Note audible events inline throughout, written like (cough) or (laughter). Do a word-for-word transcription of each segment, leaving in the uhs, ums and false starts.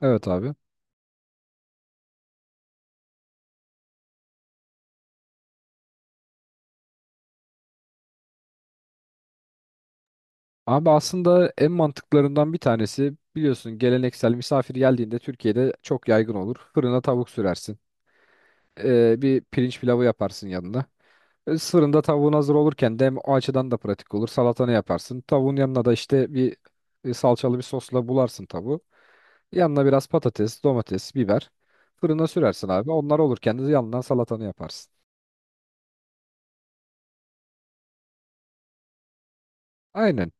Evet abi. Abi aslında en mantıklarından bir tanesi biliyorsun geleneksel misafir geldiğinde Türkiye'de çok yaygın olur. Fırına tavuk sürersin. Ee, bir pirinç pilavı yaparsın yanına. E, Fırında tavuğun hazır olurken de hem o açıdan da pratik olur. Salatanı yaparsın. Tavuğun yanına da işte bir e, salçalı bir sosla bularsın tavuğu. Yanına biraz patates, domates, biber. Fırına sürersin abi. Onlar olurken de yanından salatanı yaparsın. Aynen.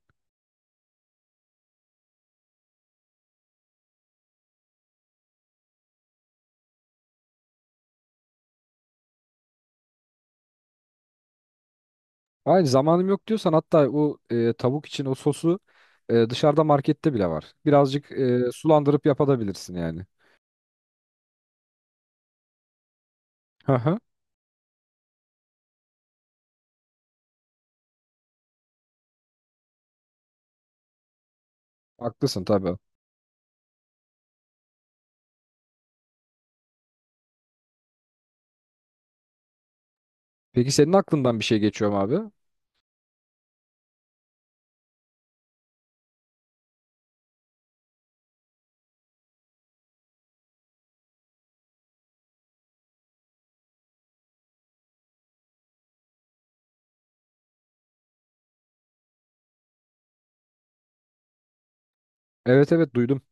Hayır zamanım yok diyorsan hatta o e, tavuk için o sosu e, dışarıda markette bile var. Birazcık e, sulandırıp yapabilirsin yani. Hı hı. Haklısın tabii. Peki senin aklından bir şey geçiyor mu abi? Evet, evet, duydum.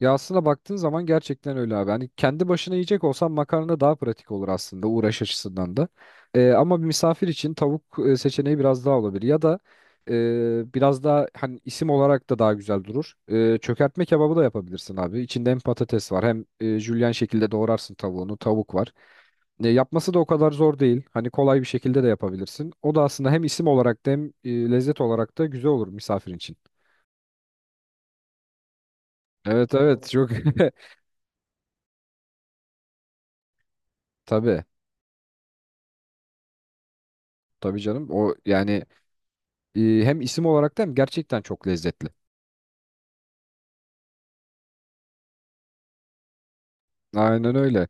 Ya aslında baktığın zaman gerçekten öyle abi. Hani kendi başına yiyecek olsan makarna daha pratik olur aslında uğraş açısından da. Ee, ama bir misafir için tavuk e, seçeneği biraz daha olabilir. Ya da e, biraz daha hani isim olarak da daha güzel durur. E, çökertme kebabı da yapabilirsin abi. İçinde hem patates var hem e, jülyen şekilde doğrarsın tavuğunu. Tavuk var. E, yapması da o kadar zor değil. Hani kolay bir şekilde de yapabilirsin. O da aslında hem isim olarak da hem e, lezzet olarak da güzel olur misafir için. Evet, evet, çok (laughs) tabii. Tabii canım. O yani E, hem isim olarak da hem gerçekten çok lezzetli. Aynen öyle.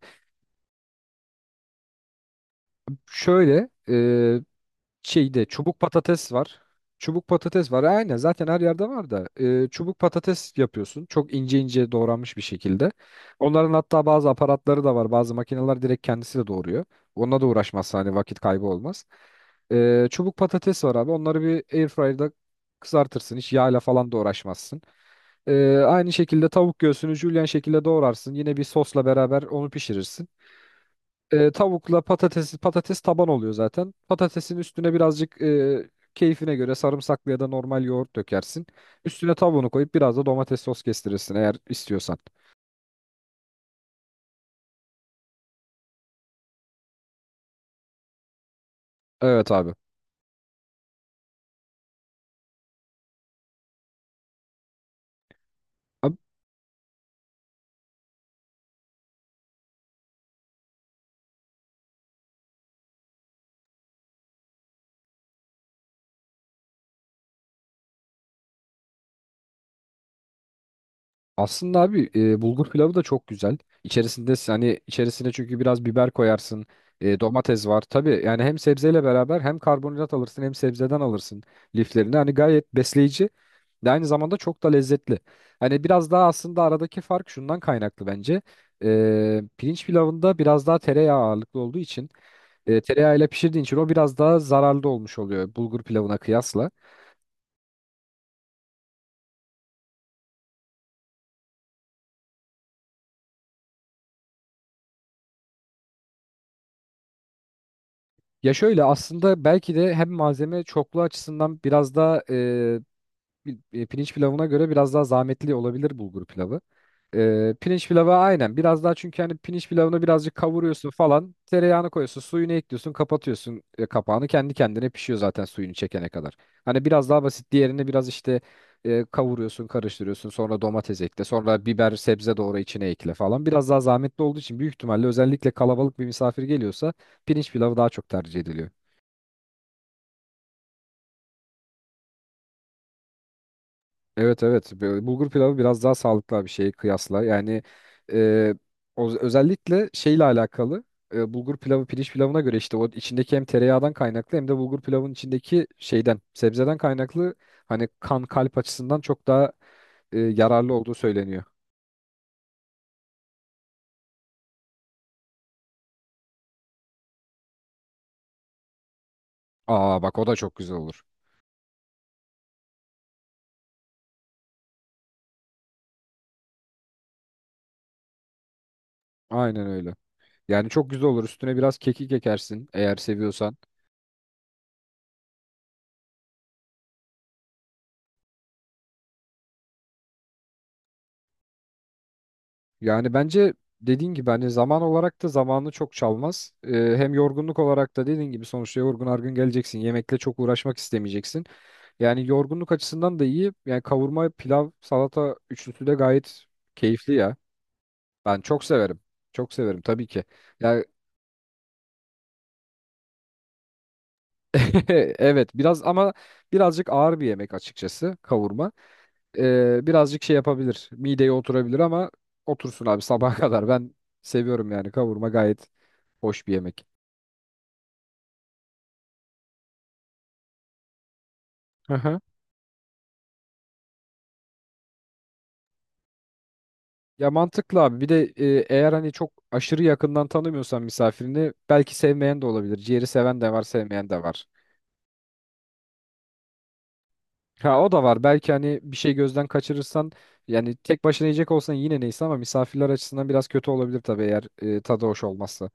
Şöyle e, şeyde çubuk patates var. Çubuk patates var. Aynen zaten her yerde var da. E, çubuk patates yapıyorsun. Çok ince ince doğranmış bir şekilde. Onların hatta bazı aparatları da var. Bazı makineler direkt kendisi de doğuruyor. Onunla da uğraşmazsa hani vakit kaybı olmaz. E, çubuk patates var abi. Onları bir airfryer'da kızartırsın. Hiç yağla falan da uğraşmazsın. Ee, aynı şekilde tavuk göğsünü jülyen şekilde doğrarsın. Yine bir sosla beraber onu pişirirsin. Ee, tavukla patates patates taban oluyor zaten. Patatesin üstüne birazcık e, keyfine göre sarımsaklı ya da normal yoğurt dökersin. Üstüne tavuğunu koyup biraz da domates sos kestirirsin eğer istiyorsan. Evet abi. Aslında abi e, bulgur pilavı da çok güzel. İçerisinde s- hani içerisine çünkü biraz biber koyarsın. E, domates var. Tabii yani hem sebzeyle beraber hem karbonhidrat alırsın hem sebzeden alırsın liflerini. Hani gayet besleyici ve aynı zamanda çok da lezzetli. Hani biraz daha aslında aradaki fark şundan kaynaklı bence. E, pirinç pilavında biraz daha tereyağı ağırlıklı olduğu için e, tereyağıyla pişirdiğin için o biraz daha zararlı olmuş oluyor bulgur pilavına kıyasla. Ya şöyle aslında belki de hem malzeme çokluğu açısından biraz daha e, pi- e, pirinç pilavına göre biraz daha zahmetli olabilir bulgur pilavı. E, pirinç pilavı aynen biraz daha çünkü hani pirinç pilavını birazcık kavuruyorsun falan tereyağını koyuyorsun suyunu ekliyorsun kapatıyorsun e, kapağını kendi kendine pişiyor zaten suyunu çekene kadar. Hani biraz daha basit diğerini biraz işte e, kavuruyorsun karıştırıyorsun sonra domates ekle sonra biber sebze doğru içine ekle falan biraz daha zahmetli olduğu için büyük ihtimalle özellikle kalabalık bir misafir geliyorsa pirinç pilavı daha çok tercih ediliyor. Evet, evet. Böyle bulgur pilavı biraz daha sağlıklı bir şeye kıyasla yani e, o- özellikle şeyle alakalı e, bulgur pilavı pirinç pilavına göre işte o içindeki hem tereyağından kaynaklı hem de bulgur pilavın içindeki şeyden sebzeden kaynaklı hani kan kalp açısından çok daha e, yararlı olduğu söyleniyor. Aa bak o da çok güzel olur. Aynen öyle. Yani çok güzel olur üstüne biraz kekik ekersin eğer seviyorsan. Yani bence dediğin gibi hani zaman olarak da zamanını çok çalmaz. Ee, hem yorgunluk olarak da dediğin gibi sonuçta yorgun argın geleceksin. Yemekle çok uğraşmak istemeyeceksin. Yani yorgunluk açısından da iyi. Yani kavurma, pilav, salata üçlüsü de gayet keyifli ya. Ben çok severim. Çok severim tabii ki. Ya (laughs) evet biraz ama birazcık ağır bir yemek açıkçası kavurma. Ee, birazcık şey yapabilir. Mideye oturabilir ama otursun abi sabaha (laughs) kadar. Ben seviyorum yani kavurma gayet hoş bir yemek. (laughs) Ya mantıklı abi. Bir de e, eğer hani çok aşırı yakından tanımıyorsan misafirini belki sevmeyen de olabilir. Ciğeri seven de var, sevmeyen de var. Ha o da var. Belki hani bir şey gözden kaçırırsan yani tek başına yiyecek olsan yine neyse ama misafirler açısından biraz kötü olabilir tabii eğer e, tadı hoş olmazsa.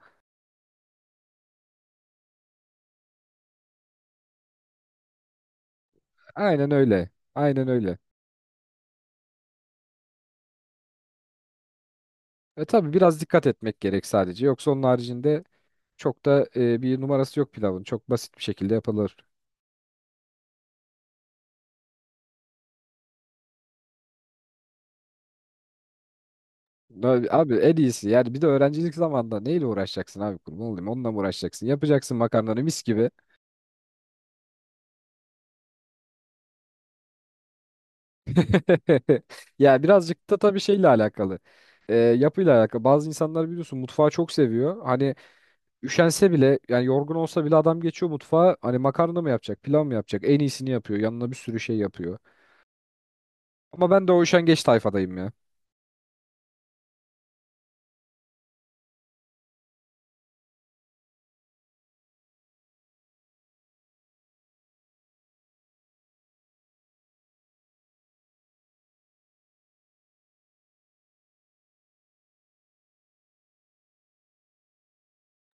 Aynen öyle. Aynen öyle. E tabii biraz dikkat etmek gerek sadece. Yoksa onun haricinde çok da e, bir numarası yok pilavın. Çok basit bir şekilde yapılır. Abi, abi en iyisi yani bir de öğrencilik zamanında neyle uğraşacaksın abi, kurban olayım, onunla mı uğraşacaksın, yapacaksın makarnanı mis gibi. (laughs) Ya birazcık da tabii şeyle alakalı. Ee, yapıyla alakalı bazı insanlar biliyorsun mutfağı çok seviyor, hani üşense bile yani yorgun olsa bile adam geçiyor mutfağa, hani makarna mı yapacak pilav mı yapacak en iyisini yapıyor yanına bir sürü şey yapıyor, ama ben de o üşengeç tayfadayım ya.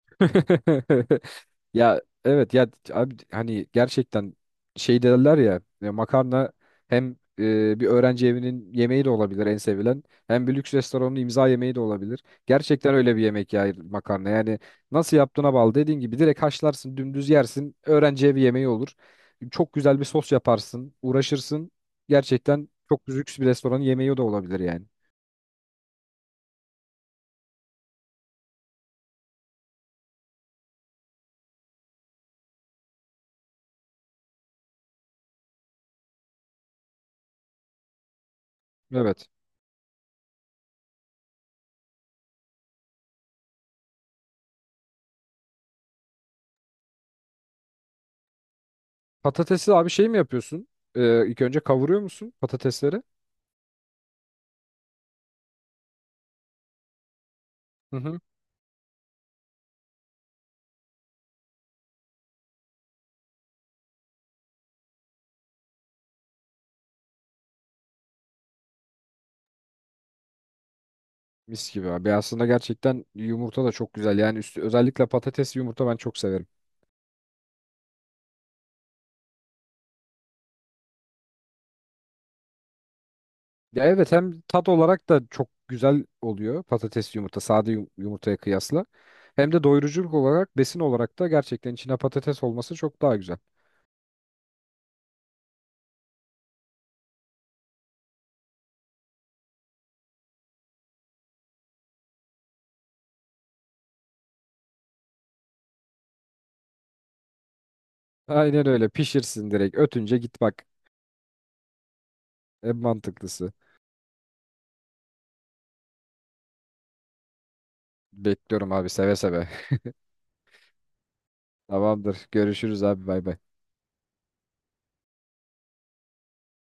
(laughs) Ya evet ya abi hani gerçekten şey derler ya, e, makarna hem e, bir öğrenci evinin yemeği de olabilir en sevilen, hem bir lüks restoranın imza yemeği de olabilir. Gerçekten öyle bir yemek ya makarna yani, nasıl yaptığına bağlı. Dediğin gibi direkt haşlarsın dümdüz yersin öğrenci evi yemeği olur. Çok güzel bir sos yaparsın, uğraşırsın, gerçekten çok lüks bir restoranın yemeği de olabilir yani. Evet. Patatesi abi şey mi yapıyorsun, E, ilk önce kavuruyor musun patatesleri? Hı hı. Mis gibi abi. Aslında gerçekten yumurta da çok güzel. Yani üstü, özellikle patatesli yumurta ben çok severim. Ya evet hem tat olarak da çok güzel oluyor patatesli yumurta sade yum- yumurtaya kıyasla. Hem de doyuruculuk olarak besin olarak da gerçekten içine patates olması çok daha güzel. Aynen öyle, pişirsin direkt, ötünce git bak. En mantıklısı. Bekliyorum abi seve seve. (laughs) Tamamdır. Görüşürüz abi, bay bay.